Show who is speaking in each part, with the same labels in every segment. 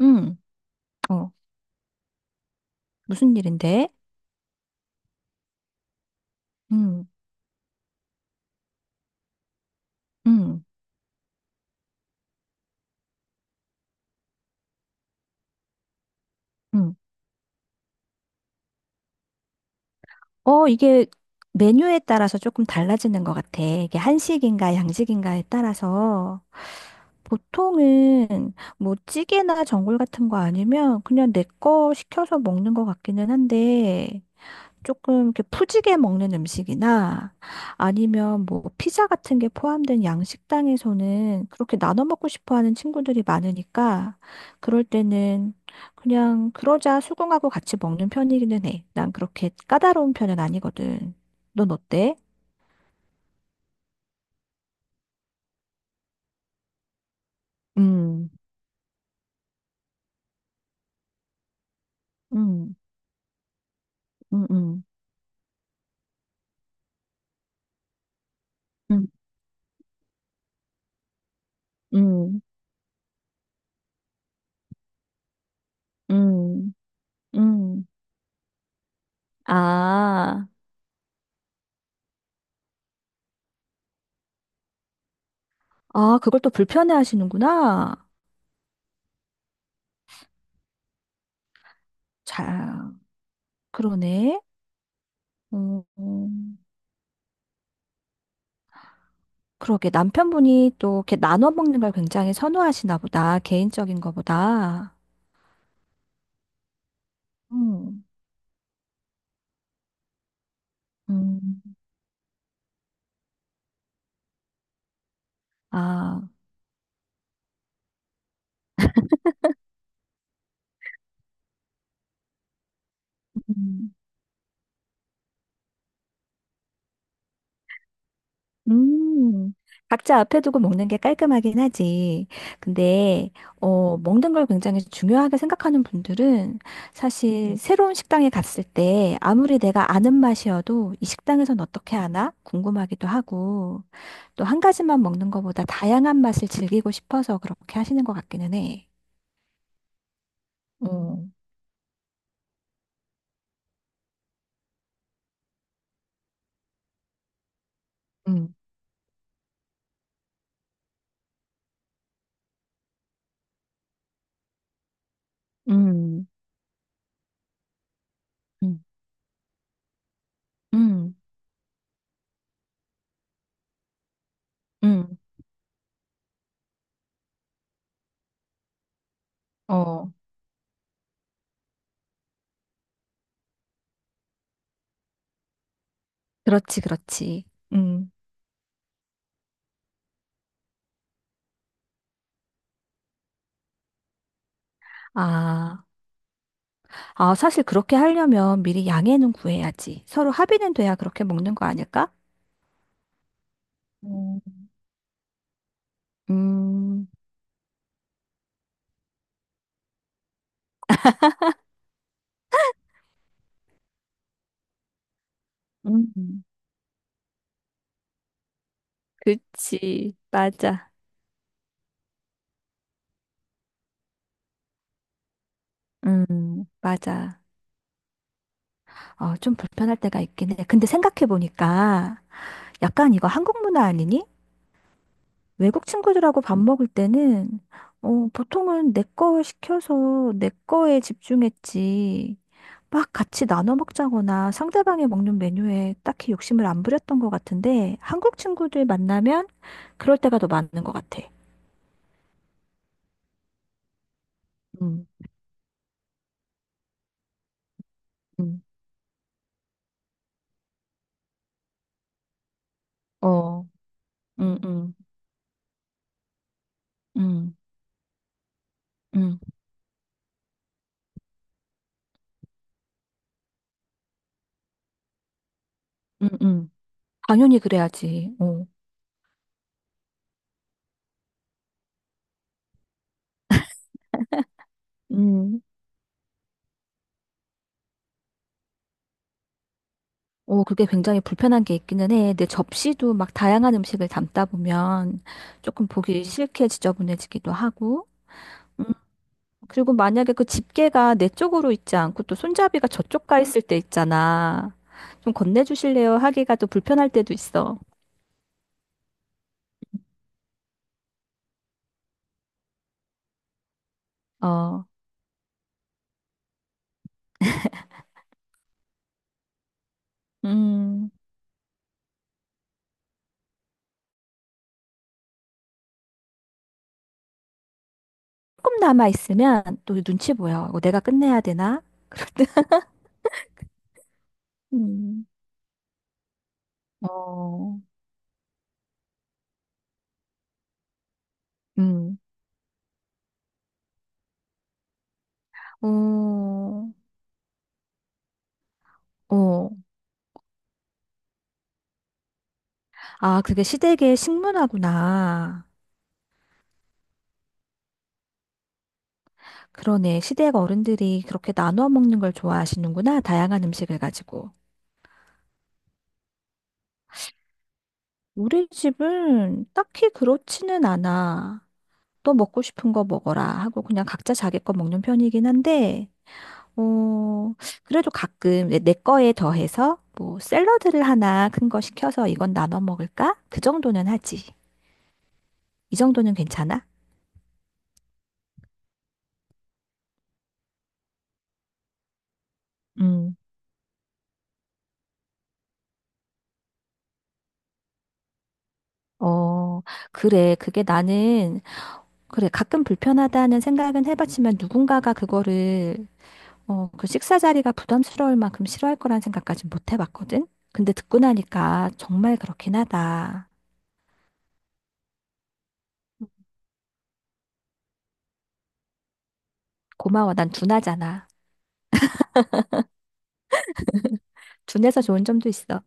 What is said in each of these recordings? Speaker 1: 응, 어, 무슨 일인데? 음. 음. 음. 어, 이게 메뉴에 따라서 조금 달라지는 것 같아. 이게 한식인가 양식인가에 따라서 보통은 뭐 찌개나 전골 같은 거 아니면 그냥 내 거 시켜서 먹는 것 같기는 한데 조금 이렇게 푸지게 먹는 음식이나 아니면 뭐 피자 같은 게 포함된 양식당에서는 그렇게 나눠 먹고 싶어 하는 친구들이 많으니까 그럴 때는 그냥 그러자 수긍하고 같이 먹는 편이기는 해. 난 그렇게 까다로운 편은 아니거든. 넌 어때? 음. 음. 음. 음. 음. 음. 음. 음. 아, 아, 그걸 또 불편해 하시는구나. 자, 그러네. 음. 그러게 남편분이 또 이렇게 나눠 먹는 걸 굉장히 선호하시나 보다. 개인적인 거보다. 음. 음. 아. 음. 음. 각자 앞에 두고 먹는 게 깔끔하긴 하지. 근데, 어, 먹는 걸 굉장히 중요하게 생각하는 분들은 사실 새로운 식당에 갔을 때 아무리 내가 아는 맛이어도 이 식당에선 어떻게 하나 궁금하기도 하고 또 한 가지만 먹는 것보다 다양한 맛을 즐기고 싶어서 그렇게 하시는 것 같기는 해. 어. 음. 음. 음. 음. 음. 어, 그렇지, 그렇지. 음. 아, 아, 사실 그렇게 하려면 미리 양해는 구해야지. 서로 합의는 돼야 그렇게 먹는 거 아닐까? 음. 음. 음. 그치, 맞아. 음. 맞아. 어, 좀 불편할 때가 있긴 해. 근데 생각해보니까 약간 이거 한국 문화 아니니? 외국 친구들하고 밥 먹을 때는 어, 보통은 내 거 시켜서 내 거에 집중했지. 막 같이 나눠 먹자거나 상대방이 먹는 메뉴에 딱히 욕심을 안 부렸던 것 같은데 한국 친구들 만나면 그럴 때가 더 많은 것 같아. 음. 음. 어. 음. 음. 음. 음. 음. 음. 당연히 그래야지. 어. 음. 어, 그게 굉장히 불편한 게 있기는 해. 내 접시도 막 다양한 음식을 담다 보면 조금 보기 싫게 지저분해지기도 하고. 그리고 만약에 그 집게가 내 쪽으로 있지 않고 또 손잡이가 저쪽 가 있을 때 있잖아. 좀 건네주실래요? 하기가 또 불편할 때도 있어. 어. 음. 조금 남아 있으면 또 눈치 보여. 이거 내가 끝내야 되나? 그럴 때, 음. 어. 음. 어. 어. 아, 그게 시댁의 식문화구나. 그러네. 시댁 어른들이 그렇게 나눠 먹는 걸 좋아하시는구나. 다양한 음식을 가지고. 우리 집은 딱히 그렇지는 않아. 너 먹고 싶은 거 먹어라 하고 그냥 각자 자기 거 먹는 편이긴 한데, 어, 그래도 가끔 내 거에 더해서 뭐 샐러드를 하나 큰 거 시켜서 이건 나눠 먹을까? 그 정도는 하지. 이 정도는 괜찮아? 음. 어, 그래. 그게 나는, 그래. 가끔 불편하다는 생각은 해봤지만 누군가가 그거를 어, 그 식사 자리가 부담스러울 만큼 싫어할 거란 생각까진 못 해봤거든? 근데 듣고 나니까 정말 그렇긴 하다. 고마워, 난 둔하잖아. 둔해서 좋은 점도 있어.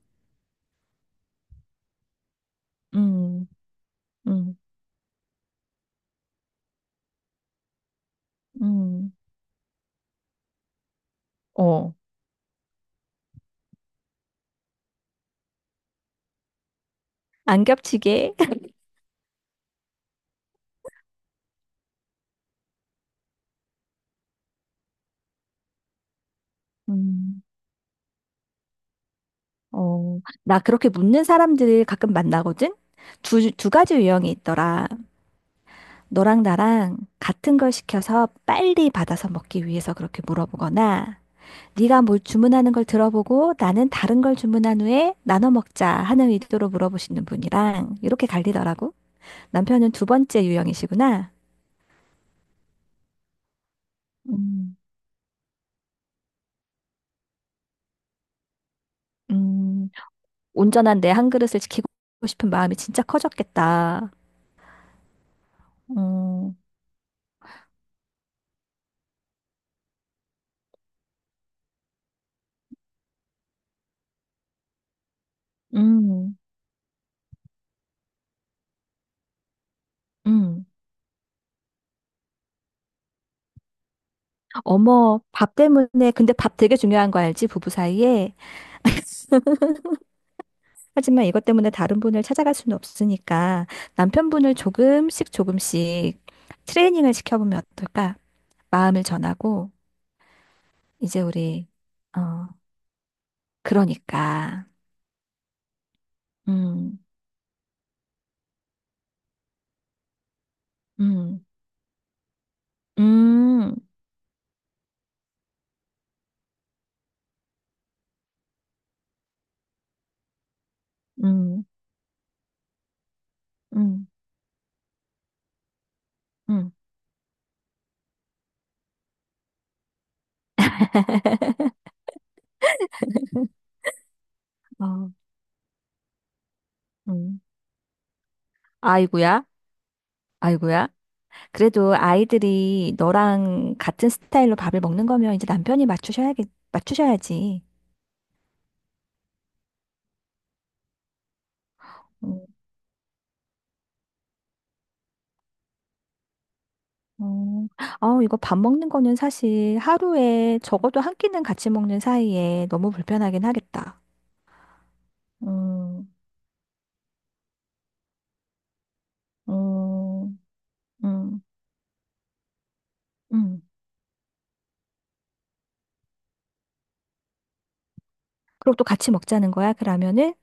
Speaker 1: 음. 음. 음. 어. 안 겹치게. 음. 어. 나 그렇게 묻는 사람들을 가끔 만나거든? 두 가지 유형이 있더라. 너랑 나랑 같은 걸 시켜서 빨리 받아서 먹기 위해서 그렇게 물어보거나, 네가 뭘 주문하는 걸 들어보고 나는 다른 걸 주문한 후에 나눠 먹자 하는 의도로 물어보시는 분이랑 이렇게 갈리더라고. 남편은 두 번째 유형이시구나. 음. 음. 온전한 내 한 그릇을 지키고 싶은 마음이 진짜 커졌겠다. 음. 음. 음. 어머, 밥 때문에, 근데 밥 되게 중요한 거 알지? 부부 사이에. 하지만 이것 때문에 다른 분을 찾아갈 수는 없으니까 남편분을 조금씩 조금씩 트레이닝을 시켜보면 어떨까? 마음을 전하고, 이제 우리, 어, 그러니까, 음. 음. 음. 음. 음. 음. 어. 음. 아이고야, 아이고야. 그래도 아이들이 너랑 같은 스타일로 밥을 먹는 거면 이제 남편이 맞추셔야지. 음. 음. 어, 이거 밥 먹는 거는 사실 하루에 적어도 한 끼는 같이 먹는 사이에 너무 불편하긴 하겠다. 음. 음. 음. 음. 그리고 또 같이 먹자는 거야? 그러면은,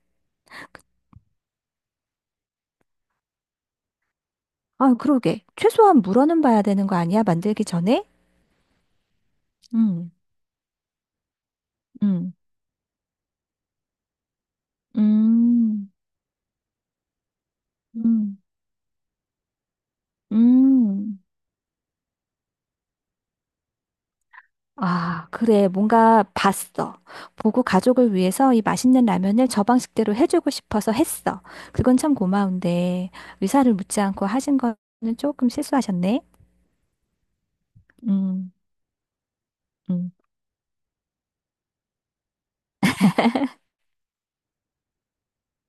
Speaker 1: 아, 그러게. 최소한 물어는 봐야 되는 거 아니야? 만들기 전에? 음. 음. 음. 음. 음. 아, 그래. 뭔가 봤어. 보고 가족을 위해서 이 맛있는 라면을 저 방식대로 해주고 싶어서 했어. 그건 참 고마운데, 의사를 묻지 않고 하신 거는 조금 실수하셨네. 음. 음.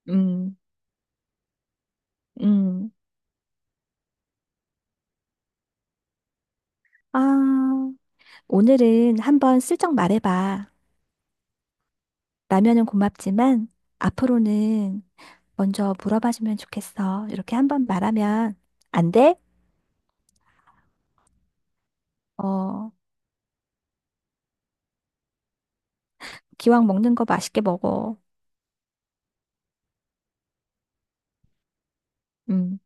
Speaker 1: 음. 음. 아, 오늘은 한번 슬쩍 말해봐. 라면은 고맙지만 앞으로는 먼저 물어봐주면 좋겠어. 이렇게 한번 말하면 안 돼? 어, 기왕 먹는 거 맛있게 먹어. 음,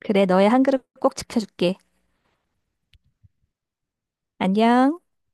Speaker 1: 그래, 너의 한 그릇 꼭 지켜줄게. 안녕.